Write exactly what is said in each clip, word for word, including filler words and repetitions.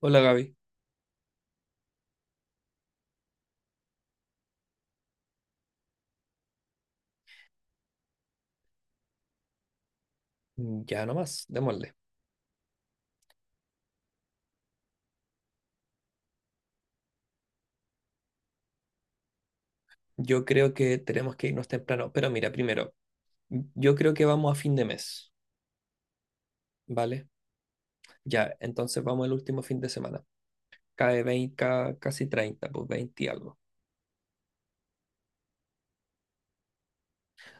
Hola Gaby. Mm, ya nomás, démosle. Yo creo que tenemos que irnos temprano, pero mira, primero, yo creo que vamos a fin de mes, ¿vale? Ya, entonces vamos al último fin de semana. Cae veinte, ca- casi treinta, pues veinte y algo.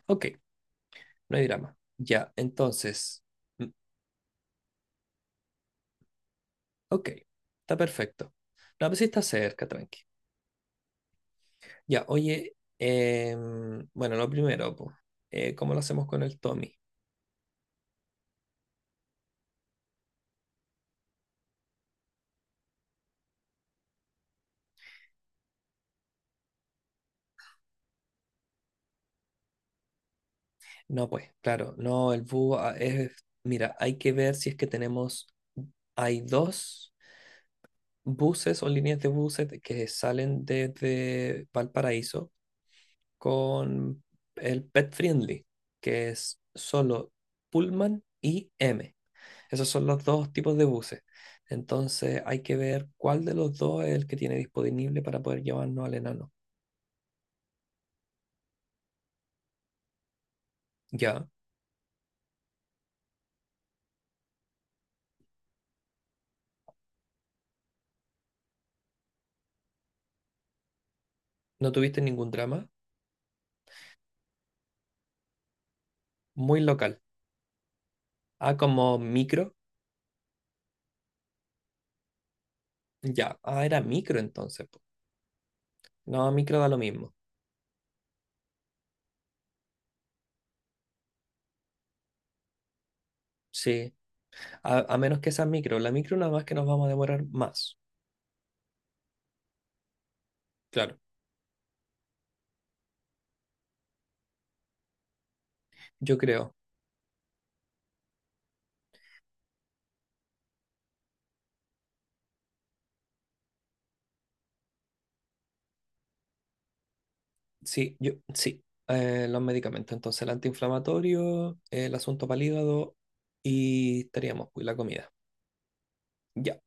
Ok, no hay drama. Ya, entonces, mm, ok, está perfecto. No, pues sí está cerca, tranqui. Ya, oye, em, bueno, lo primero, pues, eh, ¿cómo lo hacemos con el Tommy? No, pues, claro, no, el bus ah, es, mira, hay que ver si es que tenemos, hay dos buses o líneas de buses de- que salen desde Valparaíso con el Pet Friendly, que es solo Pullman y M. Esos son los dos tipos de buses. Entonces hay que ver cuál de los dos es el que tiene disponible para poder llevarnos al enano. Ya, no tuviste ningún drama, muy local. Ah, como micro. Ya, ah, era micro entonces, po. No, micro da lo mismo. Sí, a, a menos que sea micro. La micro nada más que nos vamos a demorar más. Claro, yo creo. Sí, yo, sí. Eh, los medicamentos. Entonces, el antiinflamatorio, el asunto para el hígado y estaríamos, pues, la comida. Ya,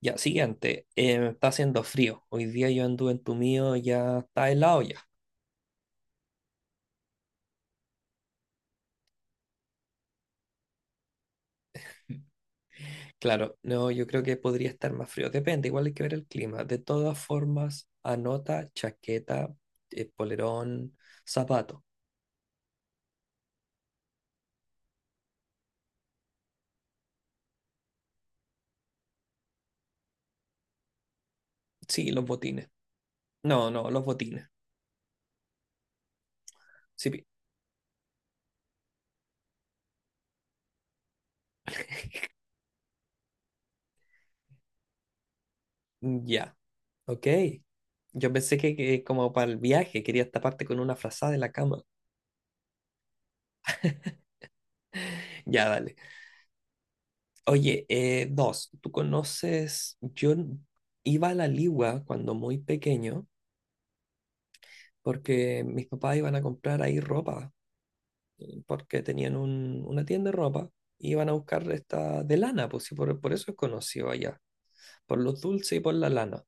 ya, siguiente. Eh, está haciendo frío. Hoy día yo anduve entumido, ya está helado ya. Claro, no, yo creo que podría estar más frío. Depende, igual hay que ver el clima. De todas formas, anota chaqueta, eh, polerón, zapato. Sí, los botines. No, no, los botines. Sí, pi- mm, ya, ok. Yo pensé que, que como para el viaje querías taparte con una frazada de la cama. Ya, dale. Oye, eh, dos, tú conoces, yo n- iba a la Ligua cuando muy pequeño porque mis papás iban a comprar ahí ropa porque tenían un- una tienda de ropa y iban a buscar esta de lana, pues sí, por, por eso es conocido allá, por los dulces y por la lana.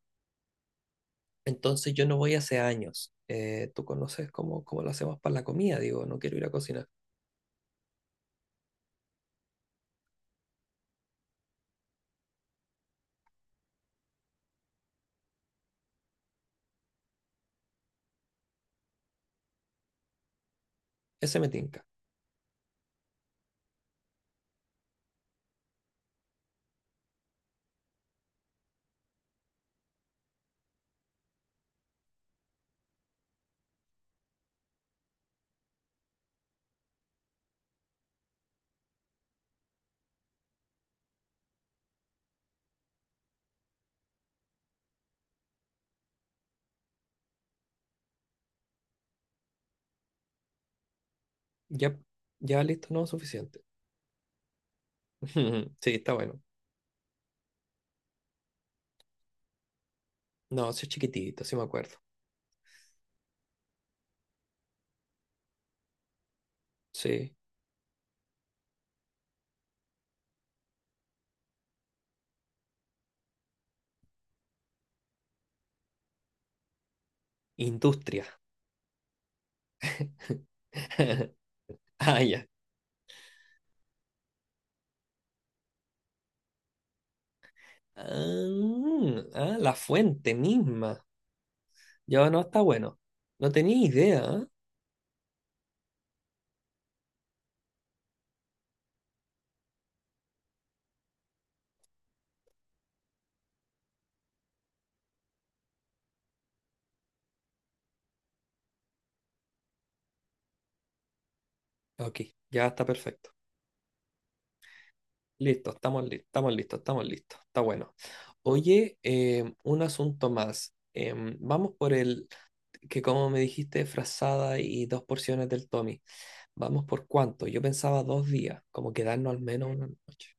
Entonces yo no voy hace años. Eh, tú conoces cómo, cómo lo hacemos para la comida, digo, no quiero ir a cocinar. Ese me tinca. Ya, ya listo, no, suficiente. Sí, está bueno. No, sí es chiquitito, sí me acuerdo. Sí. Industria. Ah, ya. Ah, ah, la fuente misma. Ya no está bueno. No tenía idea. ¿Eh? Ok, ya está perfecto. Listo, estamos listos, estamos listos, estamos listos. Está bueno. Oye, em, un asunto más. Em, vamos por el, que como me dijiste, frazada y dos porciones del Tommy. ¿Vamos por cuánto? Yo pensaba dos días, como quedarnos al menos una noche.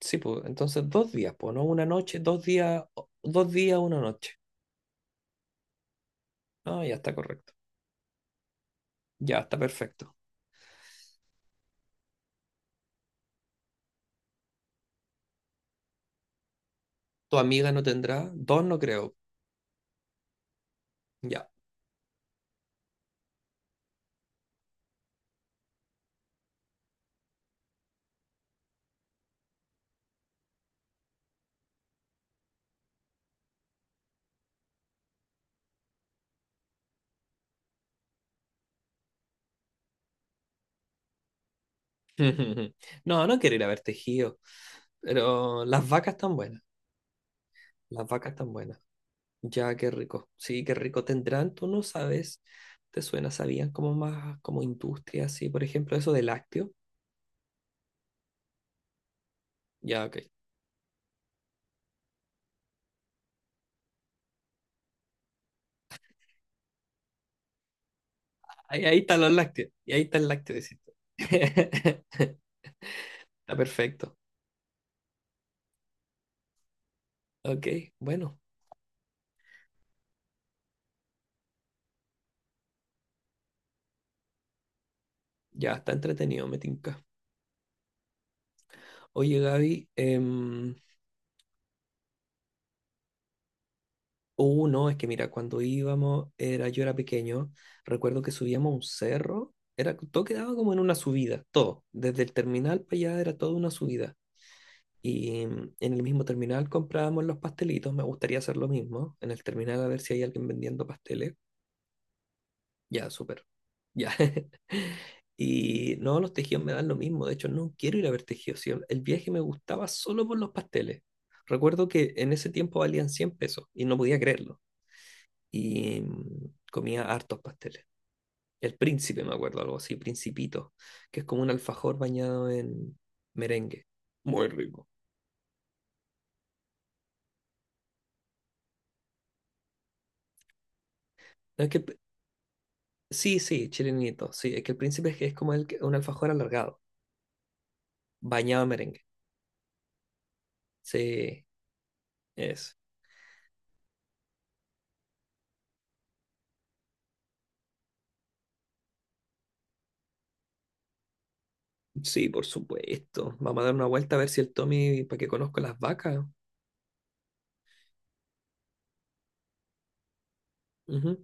Sí, pues, entonces dos días, pues, no una noche, dos días, o- dos días, una noche. No, ya está correcto. Ya está perfecto. ¿Tu amiga no tendrá? Dos no creo. Ya. No, no quiero ir a ver tejido, pero las vacas están buenas. Las vacas están buenas. Ya, qué rico. Sí, qué rico tendrán, tú no sabes, te suena, sabían como más como industria, sí, por ejemplo, eso de lácteo. Ya, ok. Ahí, ahí están los lácteos, y ahí está el lácteo, decís tú. Está perfecto. Ok, bueno, ya está entretenido, me tinca. Oye, Gaby, em, uh, no, es que mira, cuando íbamos, era, yo era pequeño, recuerdo que subíamos a un cerro, era, todo quedaba como en una subida, todo, desde el terminal para allá era toda una subida. Y mm, en el mismo terminal comprábamos los pastelitos. Me gustaría hacer lo mismo. En el terminal a ver si hay alguien vendiendo pasteles. Ya, súper. Ya. Y no, los tejidos me dan lo mismo. De hecho, no quiero ir a ver tejidos. Sí, el el viaje me gustaba solo por los pasteles. Recuerdo que en ese tiempo valían cien pesos y no podía creerlo. Y mm, comía hartos pasteles. El príncipe, me acuerdo, algo así, principito, que es como un alfajor bañado en merengue. Muy rico. Es que Sí, sí, chilenito. Sí, es que el príncipe es, que es como el, que- un alfajor alargado, bañado en merengue. Sí, es. Sí, por supuesto. Vamos a dar una vuelta a ver si el Tommy, para que conozco las vacas. Ujú.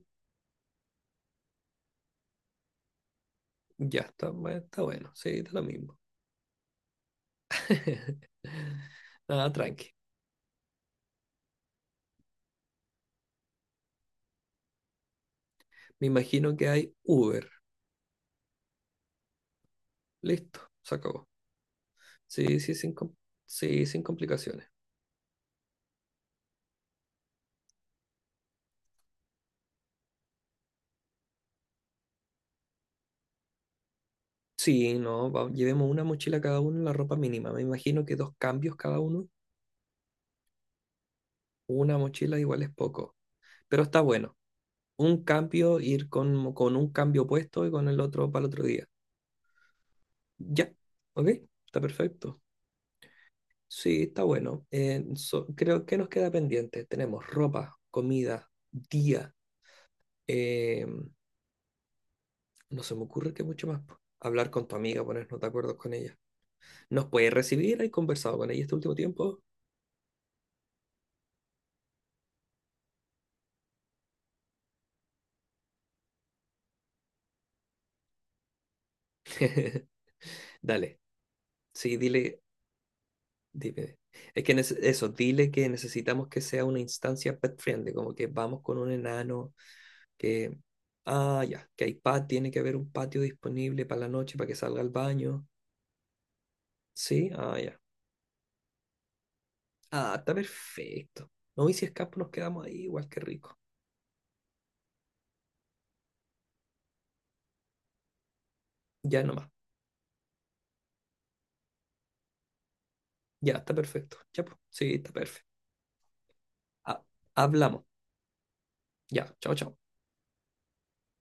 Ya está, bu- está bueno. Sí, está lo mismo. Nada, tranqui. Me imagino que hay Uber. Listo, se acabó. Sí, sí, sin, com- sí, sin complicaciones. Sí, no, va- llevemos una mochila cada uno y la ropa mínima. Me imagino que dos cambios cada uno. Una mochila igual es poco, pero está bueno. Un cambio, ir con, con un cambio puesto y con el otro para el otro día. Ya, ok, está perfecto. Sí, está bueno. Eh, so- creo que nos queda pendiente. Tenemos ropa, comida, día. eh, no se me ocurre que mucho más, po. Hablar con tu amiga, ponernos de acuerdo con ella. ¿Nos puede recibir? ¿Has conversado con ella este último tiempo? Dale. Sí, dile, dile. Es que nece- eso, dile que necesitamos que sea una instancia pet friendly, como que vamos con un enano, que, ah, ya, que hay patio, tiene que haber un patio disponible para la noche para que salga al baño. Sí, ah, ya. Ah, está perfecto. No, y si escapo nos quedamos ahí, igual que rico. Ya nomás. Ya, está perfecto. Ya, pues. Sí, está perfecto. Ah, hablamos. Ya, chao, chao.